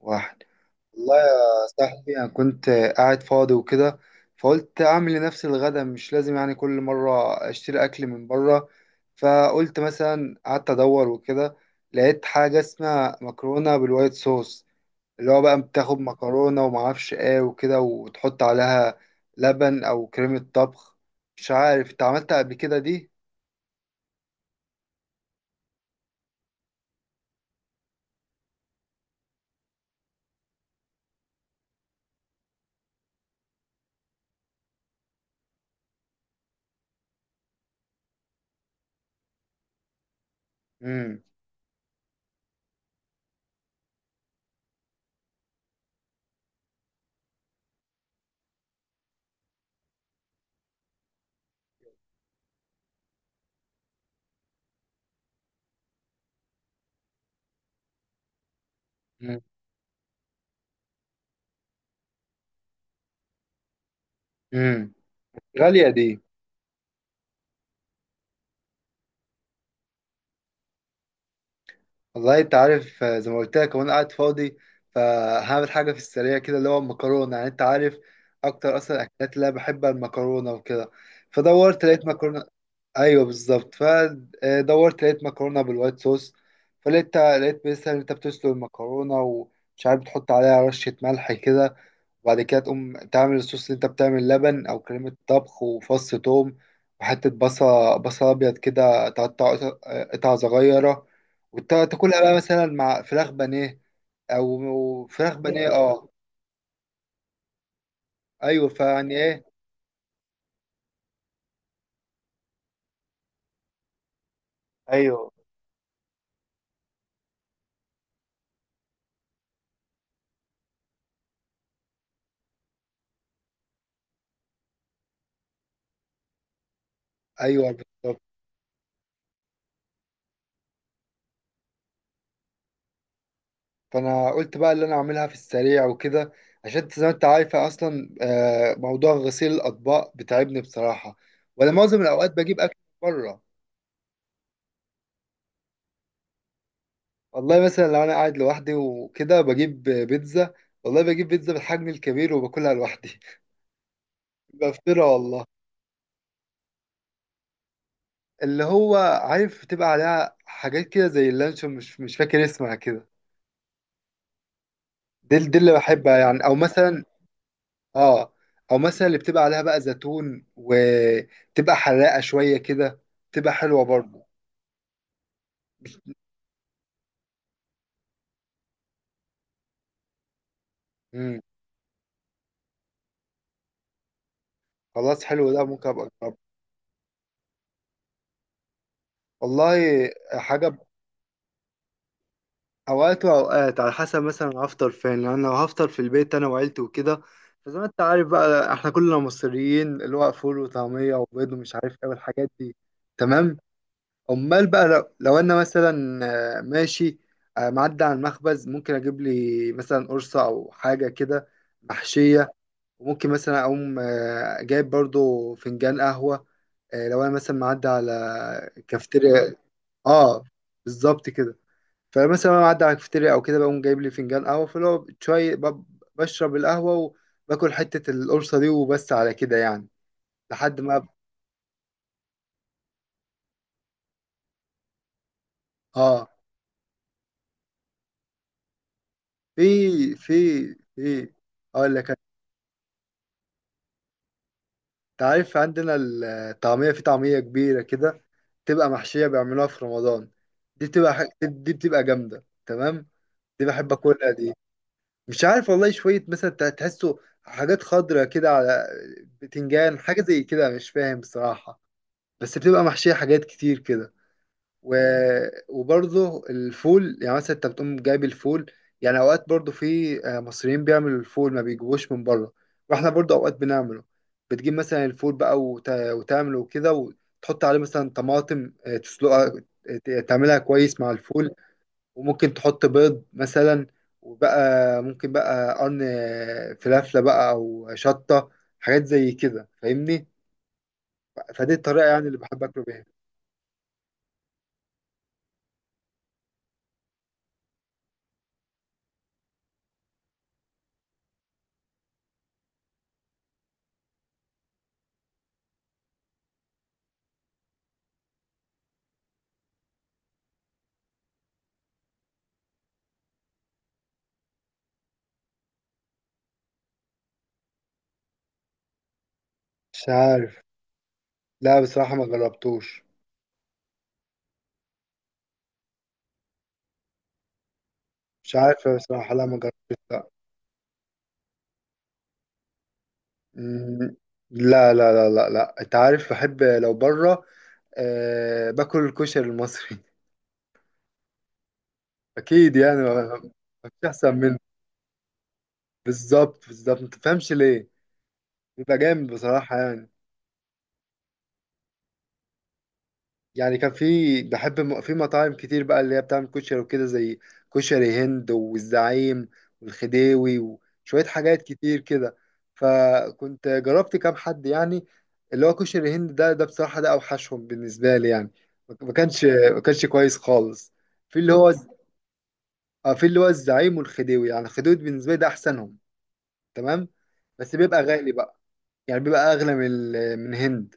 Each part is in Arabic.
واحد. والله يا صاحبي أنا كنت قاعد فاضي وكده، فقلت أعمل لنفسي الغدا، مش لازم يعني كل مرة أشتري أكل من بره. فقلت مثلا، قعدت أدور وكده لقيت حاجة اسمها مكرونة بالوايت صوص، اللي هو بقى بتاخد مكرونة ومعرفش إيه وكده وتحط عليها لبن أو كريمة طبخ. مش عارف أنت عملتها قبل كده دي؟ مم. مم. مم. غالية دي. والله انت عارف، زي ما قلت لك وانا قاعد فاضي فهعمل حاجه في السريع كده، اللي هو المكرونه، يعني انت عارف اكتر اصلا الاكلات اللي انا بحبها المكرونه وكده. فدورت لقيت مكرونه. ايوه بالظبط، فدورت لقيت مكرونه بالوايت صوص. فلقيت مثلا، انت بتسلق المكرونه ومش عارف بتحط عليها رشه ملح كده، وبعد كده تقوم تعمل الصوص، اللي انت بتعمل لبن او كريمة طبخ وفص توم وحتة بصل، بصل ابيض كده تقطع قطع صغيرة، وتاكلها بقى مثلا مع فراخ بانيه. او فراخ بانيه، اه. ايوه، فيعني ايه. ايوه ايوه بالظبط. فانا قلت بقى اللي انا اعملها في السريع وكده، عشان زي ما انت عارفه اصلا، موضوع غسيل الاطباق بتعبني بصراحه، ولا معظم الاوقات بجيب اكل بره. والله مثلا لو انا قاعد لوحدي وكده بجيب بيتزا. والله بجيب بيتزا بالحجم الكبير وباكلها لوحدي. بفطرها والله. اللي هو، عارف بتبقى عليها حاجات كده زي اللانشون، مش فاكر اسمها كده. دي اللي بحبها يعني، او مثلا. اه. او مثلا اللي بتبقى عليها بقى زيتون وتبقى حراقه شويه كده، بتبقى حلوه برضه. امم. خلاص، حلو ده، ممكن ابقى اجربه. والله، حاجه اوقات واوقات على حسب مثلا هفطر فين. لان انا لو هفطر في البيت انا وعيلتي وكده، فزي ما انت عارف بقى احنا كلنا مصريين، اللي هو فول وطعميه وبيض ومش عارف ايه والحاجات دي. تمام. امال بقى لو انا مثلا، ماشي، معدي على المخبز ممكن اجيب لي مثلا قرصه او حاجه كده محشيه، وممكن مثلا اقوم جايب برضو فنجان قهوه، لو انا مثلا معدي على كافتيريا. اه، بالظبط كده. فمثلا انا معدي على الكافيتيريا او كده بقوم جايب لي فنجان قهوه، فاللي هو شويه بشرب القهوه وباكل حته القرصه دي وبس، على كده يعني. لحد ما أب... اه. في في في اقول لك أنا، انت عارف عندنا الطعميه، في طعميه كبيره كده بتبقى محشيه بيعملوها في رمضان. دي بتبقى جامده تمام. دي بحب اكلها دي. مش عارف والله، شويه مثلا تحسه حاجات خضرة كده، على بتنجان، حاجه زي كده، مش فاهم بصراحه. بس بتبقى محشية حاجات كتير كده. و... وبرضه الفول، يعني مثلا انت بتقوم جايب الفول. يعني اوقات برضه في مصريين بيعملوا الفول ما بيجيبوش من بره، واحنا برضه اوقات بنعمله. بتجيب مثلا الفول بقى وتعمله كده وتحط عليه مثلا طماطم، تسلقها، تعملها كويس مع الفول. وممكن تحط بيض مثلا. وبقى ممكن بقى قرن فلافلة بقى او شطة، حاجات زي كده، فاهمني. فدي الطريقة يعني اللي بحب اكله بيها. مش عارف. لا، بصراحة ما جربتوش. مش عارف بصراحة، لا ما جربتوش لا. مم، لا لا لا لا لا، انت عارف بحب لو بره، آه، باكل الكشري المصري. اكيد يعني، ما فيش احسن منه. بالظبط بالظبط، ما تفهمش ليه. بيبقى جامد بصراحة يعني. يعني كان في، بحب في مطاعم كتير بقى اللي هي بتعمل كشري وكده، زي كشري هند والزعيم والخديوي وشوية حاجات كتير كده. فكنت جربت كام حد يعني. اللي هو كشري هند ده بصراحة، ده أوحشهم بالنسبة لي يعني، ما كانش كويس خالص. في اللي هو في اللي هو الزعيم والخديوي. يعني الخديوي بالنسبة لي ده أحسنهم. تمام. بس بيبقى غالي بقى، يعني بيبقى اغلى من من هند،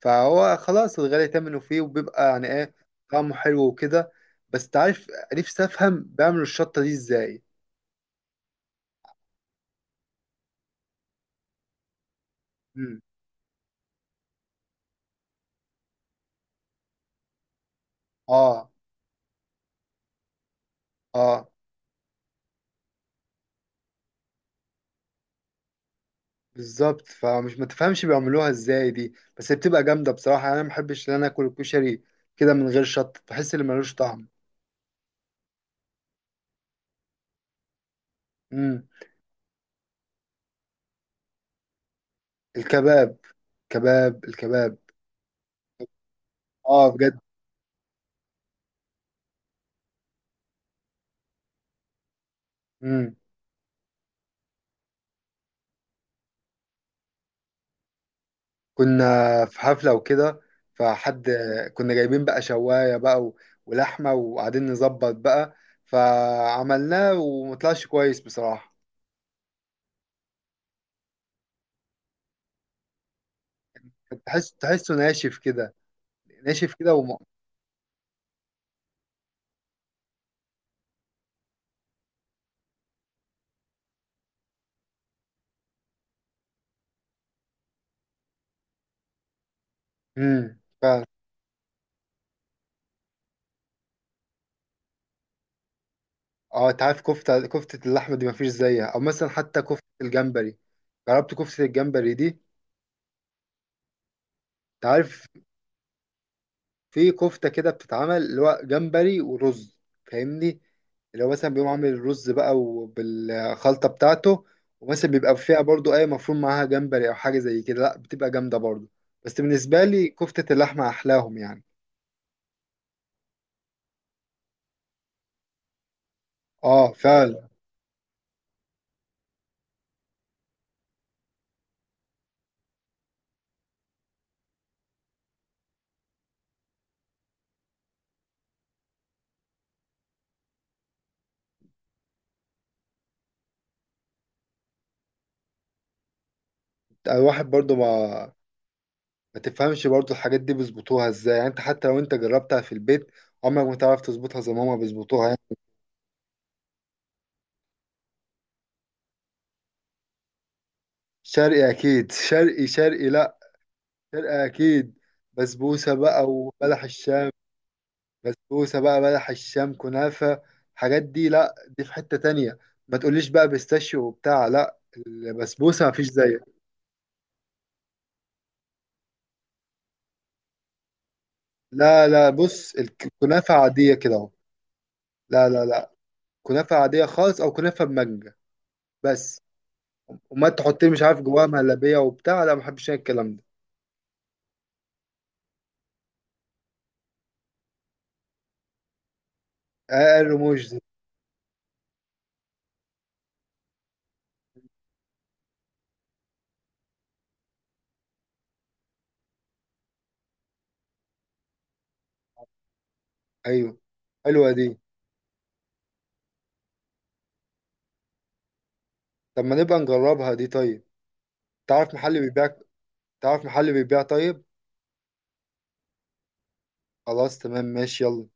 فهو خلاص الغالي ثمنه فيه، وبيبقى يعني ايه، طعمه حلو وكده. بس انت عارف، نفسي افهم بيعملوا الشطة دي ازاي. مم. اه اه. بالظبط، فمش ما تفهمش بيعملوها ازاي دي، بس هي بتبقى جامدة بصراحة يعني. انا ما بحبش ان انا اكل الكشري كده من غير شطة، بحس ان ملوش طعم. مم. الكباب، كباب، الكباب. اه بجد. مم. كنا في حفلة وكده، فحد، كنا جايبين بقى شواية بقى ولحمة، وقاعدين نظبط بقى، فعملناه ومطلعش كويس بصراحة. تحسه ناشف كده. ناشف كده امم ف... اه. انت عارف، كفتة اللحمة دي مفيش زيها، او مثلا حتى كفتة الجمبري. جربت كفتة الجمبري دي؟ انت عارف، في كفتة كده بتتعمل اللي هو جمبري ورز، فاهمني، اللي هو مثلا بيقوم عامل الرز بقى وبالخلطة بتاعته، ومثلا بيبقى فيها برضو أي مفروم، معاها جمبري أو حاجة زي كده، لأ بتبقى جامدة برضو. بس بالنسبة لي كفتة اللحمة أحلاهم يعني. اه فعلا. الواحد برضو ما تفهمش برضو الحاجات دي بيظبطوها ازاي يعني. انت حتى لو انت جربتها في البيت عمرك ما تعرف تظبطها زي ما هما بيظبطوها يعني. شرقي أكيد. شرقي شرقي، لأ. شرقي أكيد. بسبوسة بقى وبلح الشام. بسبوسة بقى، بلح الشام، كنافة. الحاجات دي، لا دي في حتة تانية. ما تقوليش بقى بيستاشيو وبتاع، لا. البسبوسة مفيش زيها. لا لا، بص، الكنافة عادية كده اهو. لا لا لا، كنافة عادية خالص أو كنافة بمانجا بس. وما تحط لي مش عارف جواها مهلبية وبتاع، لا، ما بحبش أنا الكلام ده. آه، الرموش دي. أيوه. حلوة دي. طب ما نبقى نجربها دي، طيب. تعرف محل بيبيع. تعرف محل بيبيع، طيب. خلاص تمام، ماشي يلا.